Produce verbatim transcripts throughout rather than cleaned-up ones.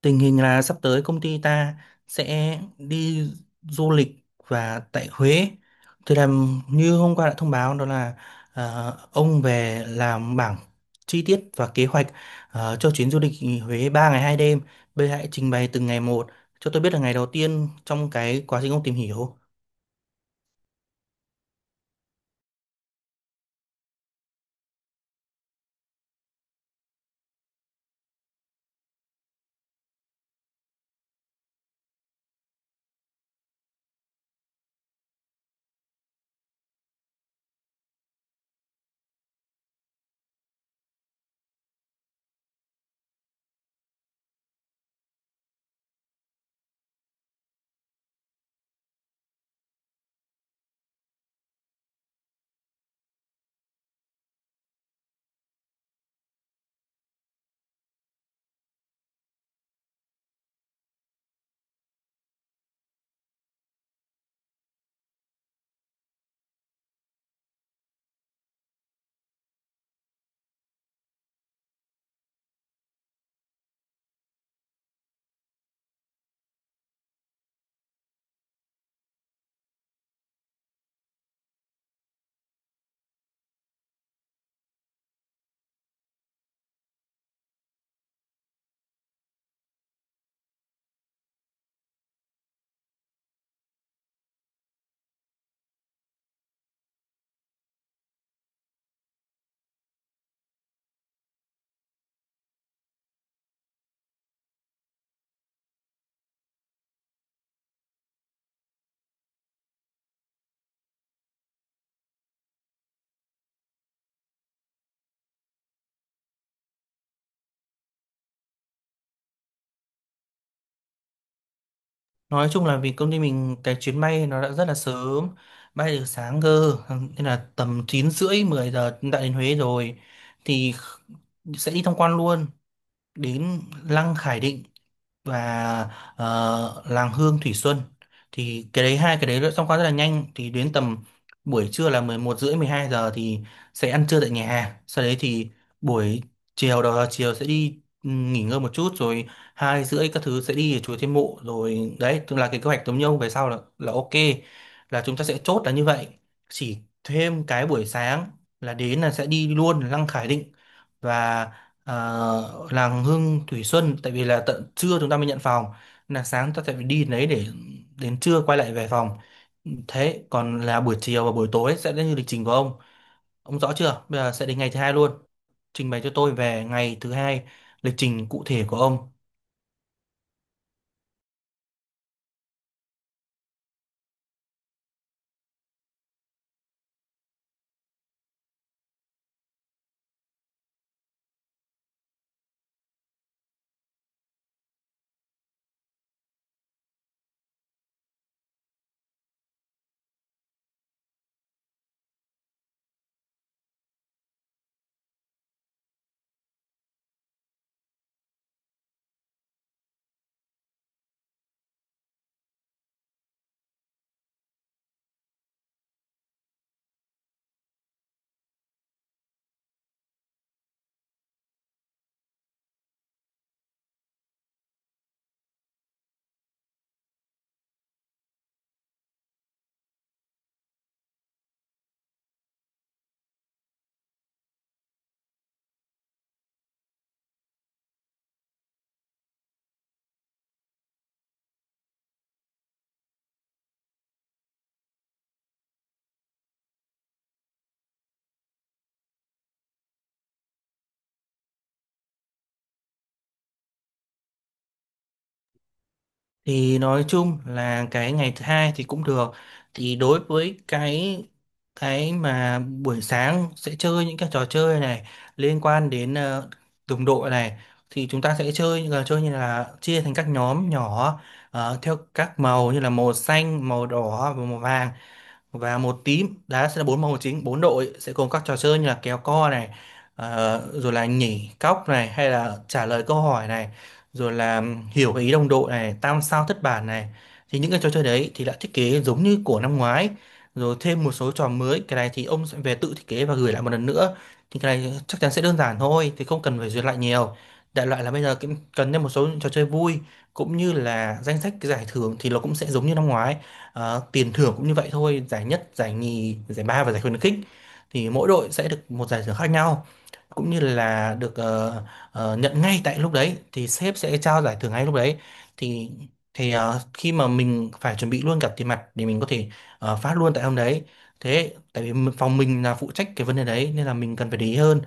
Tình hình là sắp tới công ty ta sẽ đi du lịch và tại Huế. Thì làm như hôm qua đã thông báo, đó là ờ, ông về làm bảng chi tiết và kế hoạch ờ, cho chuyến du lịch Huế ba ngày hai đêm. Bây giờ hãy trình bày từng ngày một cho tôi biết là ngày đầu tiên trong cái quá trình ông tìm hiểu. Nói chung là vì công ty mình cái chuyến bay nó đã rất là sớm, bay từ sáng cơ, nên là tầm chín rưỡi mười giờ đã đến Huế rồi, thì sẽ đi tham quan luôn, đến Lăng Khải Định và ờ, Làng Hương Thủy Xuân. Thì cái đấy, hai cái đấy đã xong qua rất là nhanh, thì đến tầm buổi trưa là mười một rưỡi mười hai giờ thì sẽ ăn trưa tại nhà hàng. Sau đấy thì buổi chiều, đầu giờ chiều sẽ đi ừ, nghỉ ngơi một chút, rồi hai rưỡi các thứ sẽ đi ở chùa Thiên Mụ rồi đấy, tức là cái kế hoạch giống nhau về sau là là ok, là chúng ta sẽ chốt là như vậy, chỉ thêm cái buổi sáng là đến là sẽ đi luôn Lăng Khải Định và à, làng Hương Thủy Xuân, tại vì là tận trưa chúng ta mới nhận phòng, là sáng ta sẽ phải đi đến đấy để đến trưa quay lại về phòng. Thế còn là buổi chiều và buổi tối sẽ đến như lịch trình của ông. Ông rõ chưa? Bây giờ sẽ đến ngày thứ hai luôn, trình bày cho tôi về ngày thứ hai, lịch trình cụ thể của ông. Thì nói chung là cái ngày thứ hai thì cũng được. Thì đối với cái cái mà buổi sáng sẽ chơi những cái trò chơi này liên quan đến ờ, đồng đội này, thì chúng ta sẽ chơi những trò chơi như là chia thành các nhóm nhỏ, ờ, theo các màu như là màu xanh, màu đỏ và màu vàng, và một tím đá, sẽ là bốn môn chính, bốn đội sẽ gồm các trò chơi như là kéo co này, ờ, rồi là nhảy cóc này, hay là trả lời câu hỏi này, rồi là hiểu cái ý đồng đội này, tam sao thất bản này. Thì những cái trò chơi đấy thì đã thiết kế giống như của năm ngoái, rồi thêm một số trò mới. Cái này thì ông sẽ về tự thiết kế và gửi lại một lần nữa. Thì cái này chắc chắn sẽ đơn giản thôi, thì không cần phải duyệt lại nhiều. Đại loại là bây giờ cũng cần thêm một số trò chơi vui, cũng như là danh sách cái giải thưởng thì nó cũng sẽ giống như năm ngoái. Ờ, tiền thưởng cũng như vậy thôi, giải nhất, giải nhì, giải ba và giải khuyến khích, thì mỗi đội sẽ được một giải thưởng khác nhau, cũng như là được ờ, ờ, nhận ngay tại lúc đấy, thì sếp sẽ trao giải thưởng ngay lúc đấy. Thì thì ờ, khi mà mình phải chuẩn bị luôn cả tiền mặt để mình có thể ờ, phát luôn tại hôm đấy. Thế tại vì phòng mình là phụ trách cái vấn đề đấy nên là mình cần phải để ý hơn.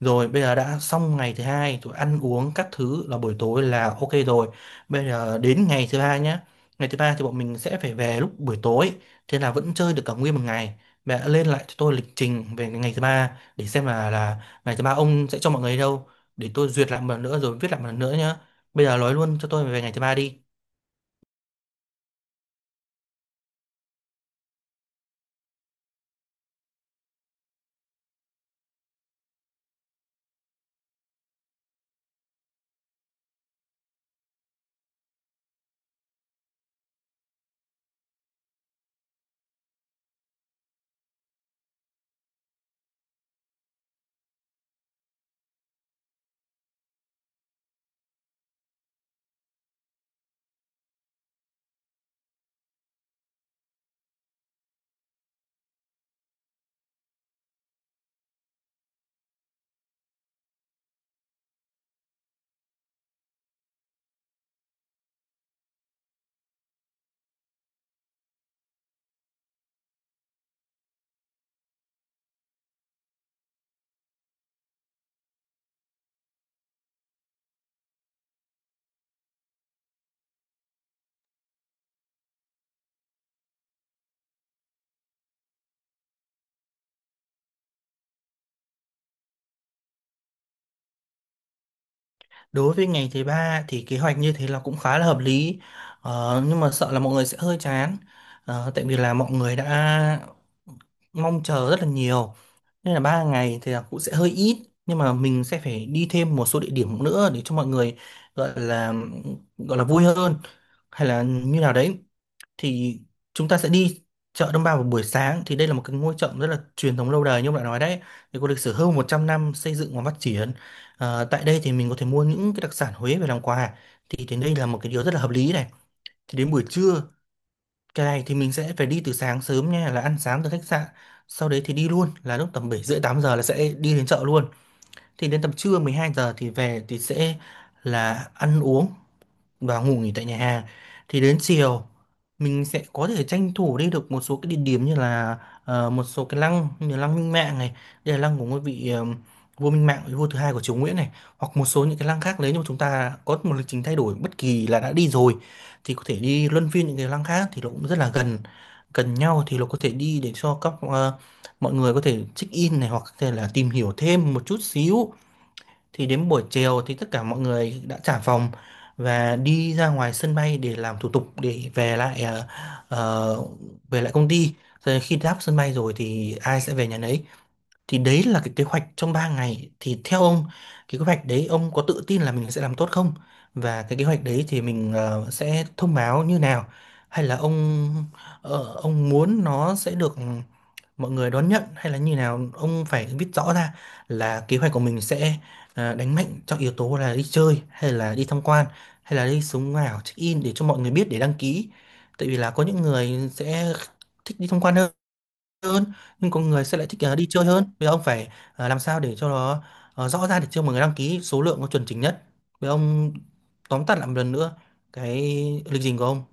Rồi bây giờ đã xong ngày thứ hai, tụi ăn uống các thứ là buổi tối là ok rồi. Bây giờ đến ngày thứ ba nhé. Ngày thứ ba thì bọn mình sẽ phải về lúc buổi tối, thế là vẫn chơi được cả nguyên một ngày. Mẹ đã lên lại cho tôi lịch trình về ngày thứ ba để xem là là ngày thứ ba ông sẽ cho mọi người đi đâu, để tôi duyệt lại một lần nữa rồi viết lại một lần nữa nhé. Bây giờ nói luôn cho tôi về ngày thứ ba đi. Đối với ngày thứ ba thì kế hoạch như thế là cũng khá là hợp lý, ờ, nhưng mà sợ là mọi người sẽ hơi chán, ờ, tại vì là mọi người đã mong chờ rất là nhiều. Nên là ba ngày thì là cũng sẽ hơi ít, nhưng mà mình sẽ phải đi thêm một số địa điểm nữa để cho mọi người gọi là gọi là vui hơn hay là như nào đấy. Thì chúng ta sẽ đi chợ Đông Ba vào buổi sáng, thì đây là một cái ngôi chợ rất là truyền thống lâu đời như ông đã nói đấy, thì có lịch sử hơn một trăm năm xây dựng và phát triển. Ờ, tại đây thì mình có thể mua những cái đặc sản Huế về làm quà, thì đến đây là một cái điều rất là hợp lý này. Thì đến buổi trưa, cái này thì mình sẽ phải đi từ sáng sớm nha, là ăn sáng từ khách sạn sau đấy thì đi luôn, là lúc tầm bảy rưỡi tám giờ là sẽ đi đến chợ luôn. Thì đến tầm trưa mười hai giờ thì về, thì sẽ là ăn uống và ngủ nghỉ tại nhà hàng. Thì đến chiều mình sẽ có thể tranh thủ đi được một số cái địa điểm, như là ờ, một số cái lăng như là lăng Minh Mạng này, đây là lăng của ngôi vị ờ, vua Minh Mạng, vị vua thứ hai của Triều Nguyễn này, hoặc một số những cái lăng khác nếu như chúng ta có một lịch trình thay đổi bất kỳ là đã đi rồi, thì có thể đi luân phiên những cái lăng khác thì nó cũng rất là gần, gần nhau, thì nó có thể đi để cho các ờ, mọi người có thể check in này, hoặc có thể là tìm hiểu thêm một chút xíu. Thì đến buổi chiều thì tất cả mọi người đã trả phòng và đi ra ngoài sân bay để làm thủ tục để về lại, ờ, ờ, về lại công ty. Rồi khi đáp sân bay rồi thì ai sẽ về nhà nấy. Thì đấy là cái kế hoạch trong ba ngày. Thì theo ông, cái kế hoạch đấy ông có tự tin là mình sẽ làm tốt không? Và cái kế hoạch đấy thì mình ờ, sẽ thông báo như nào? Hay là ông ờ, ông muốn nó sẽ được mọi người đón nhận hay là như nào, ông phải viết rõ ra là kế hoạch của mình sẽ à, đánh mạnh trong yếu tố là đi chơi hay là đi tham quan, hay là đi sống ảo check in, để cho mọi người biết để đăng ký. Tại vì là có những người sẽ thích đi tham quan hơn hơn, nhưng có người sẽ lại thích à, đi chơi hơn. Bây giờ ông phải à, làm sao để cho nó à, rõ ra để cho mọi người đăng ký số lượng nó chuẩn chỉnh nhất. Bây giờ ông tóm tắt lại một lần nữa cái lịch trình của ông.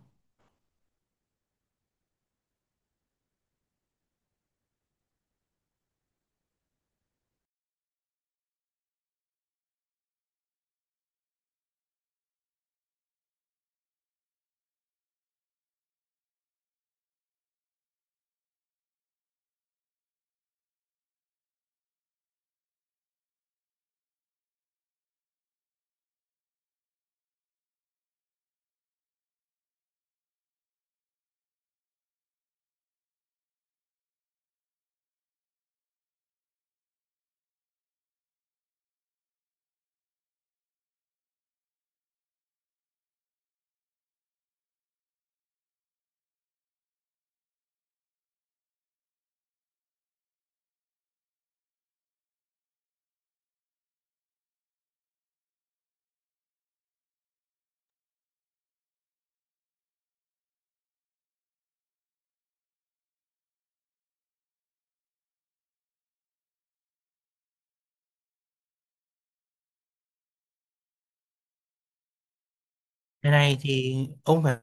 Cái này thì ông phải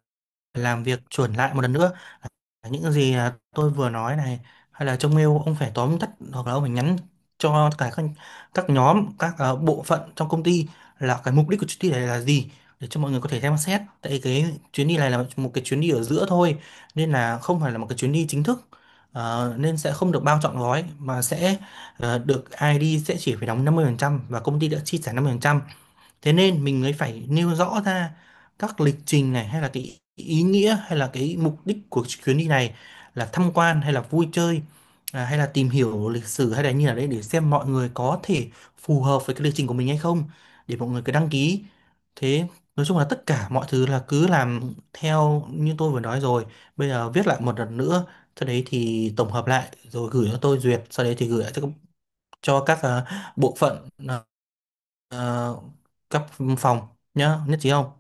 làm việc chuẩn lại một lần nữa những gì à, tôi vừa nói này. Hay là trong mail ông phải tóm tắt, hoặc là ông phải nhắn cho tất cả các các nhóm, các ờ, bộ phận trong công ty là cái mục đích của chuyến đi này là gì, để cho mọi người có thể xem xét. Tại cái chuyến đi này là một cái chuyến đi ở giữa thôi, nên là không phải là một cái chuyến đi chính thức. Ờ, nên sẽ không được bao trọn gói mà sẽ, ờ, được ai đi sẽ chỉ phải đóng năm mươi phần trăm và công ty đã chi trả năm mươi phần trăm. Thế nên mình mới phải nêu rõ ra các lịch trình này, hay là cái ý nghĩa, hay là cái mục đích của chuyến đi này là tham quan hay là vui chơi, à, hay là tìm hiểu lịch sử, hay là như là đấy, để xem mọi người có thể phù hợp với cái lịch trình của mình hay không, để mọi người cứ đăng ký. Thế nói chung là tất cả mọi thứ là cứ làm theo như tôi vừa nói rồi. Bây giờ viết lại một lần nữa, sau đấy thì tổng hợp lại rồi gửi cho tôi duyệt, sau đấy thì gửi lại cho, cho các à, bộ phận, à, Ờ, cấp phòng, nhá, nhất trí không?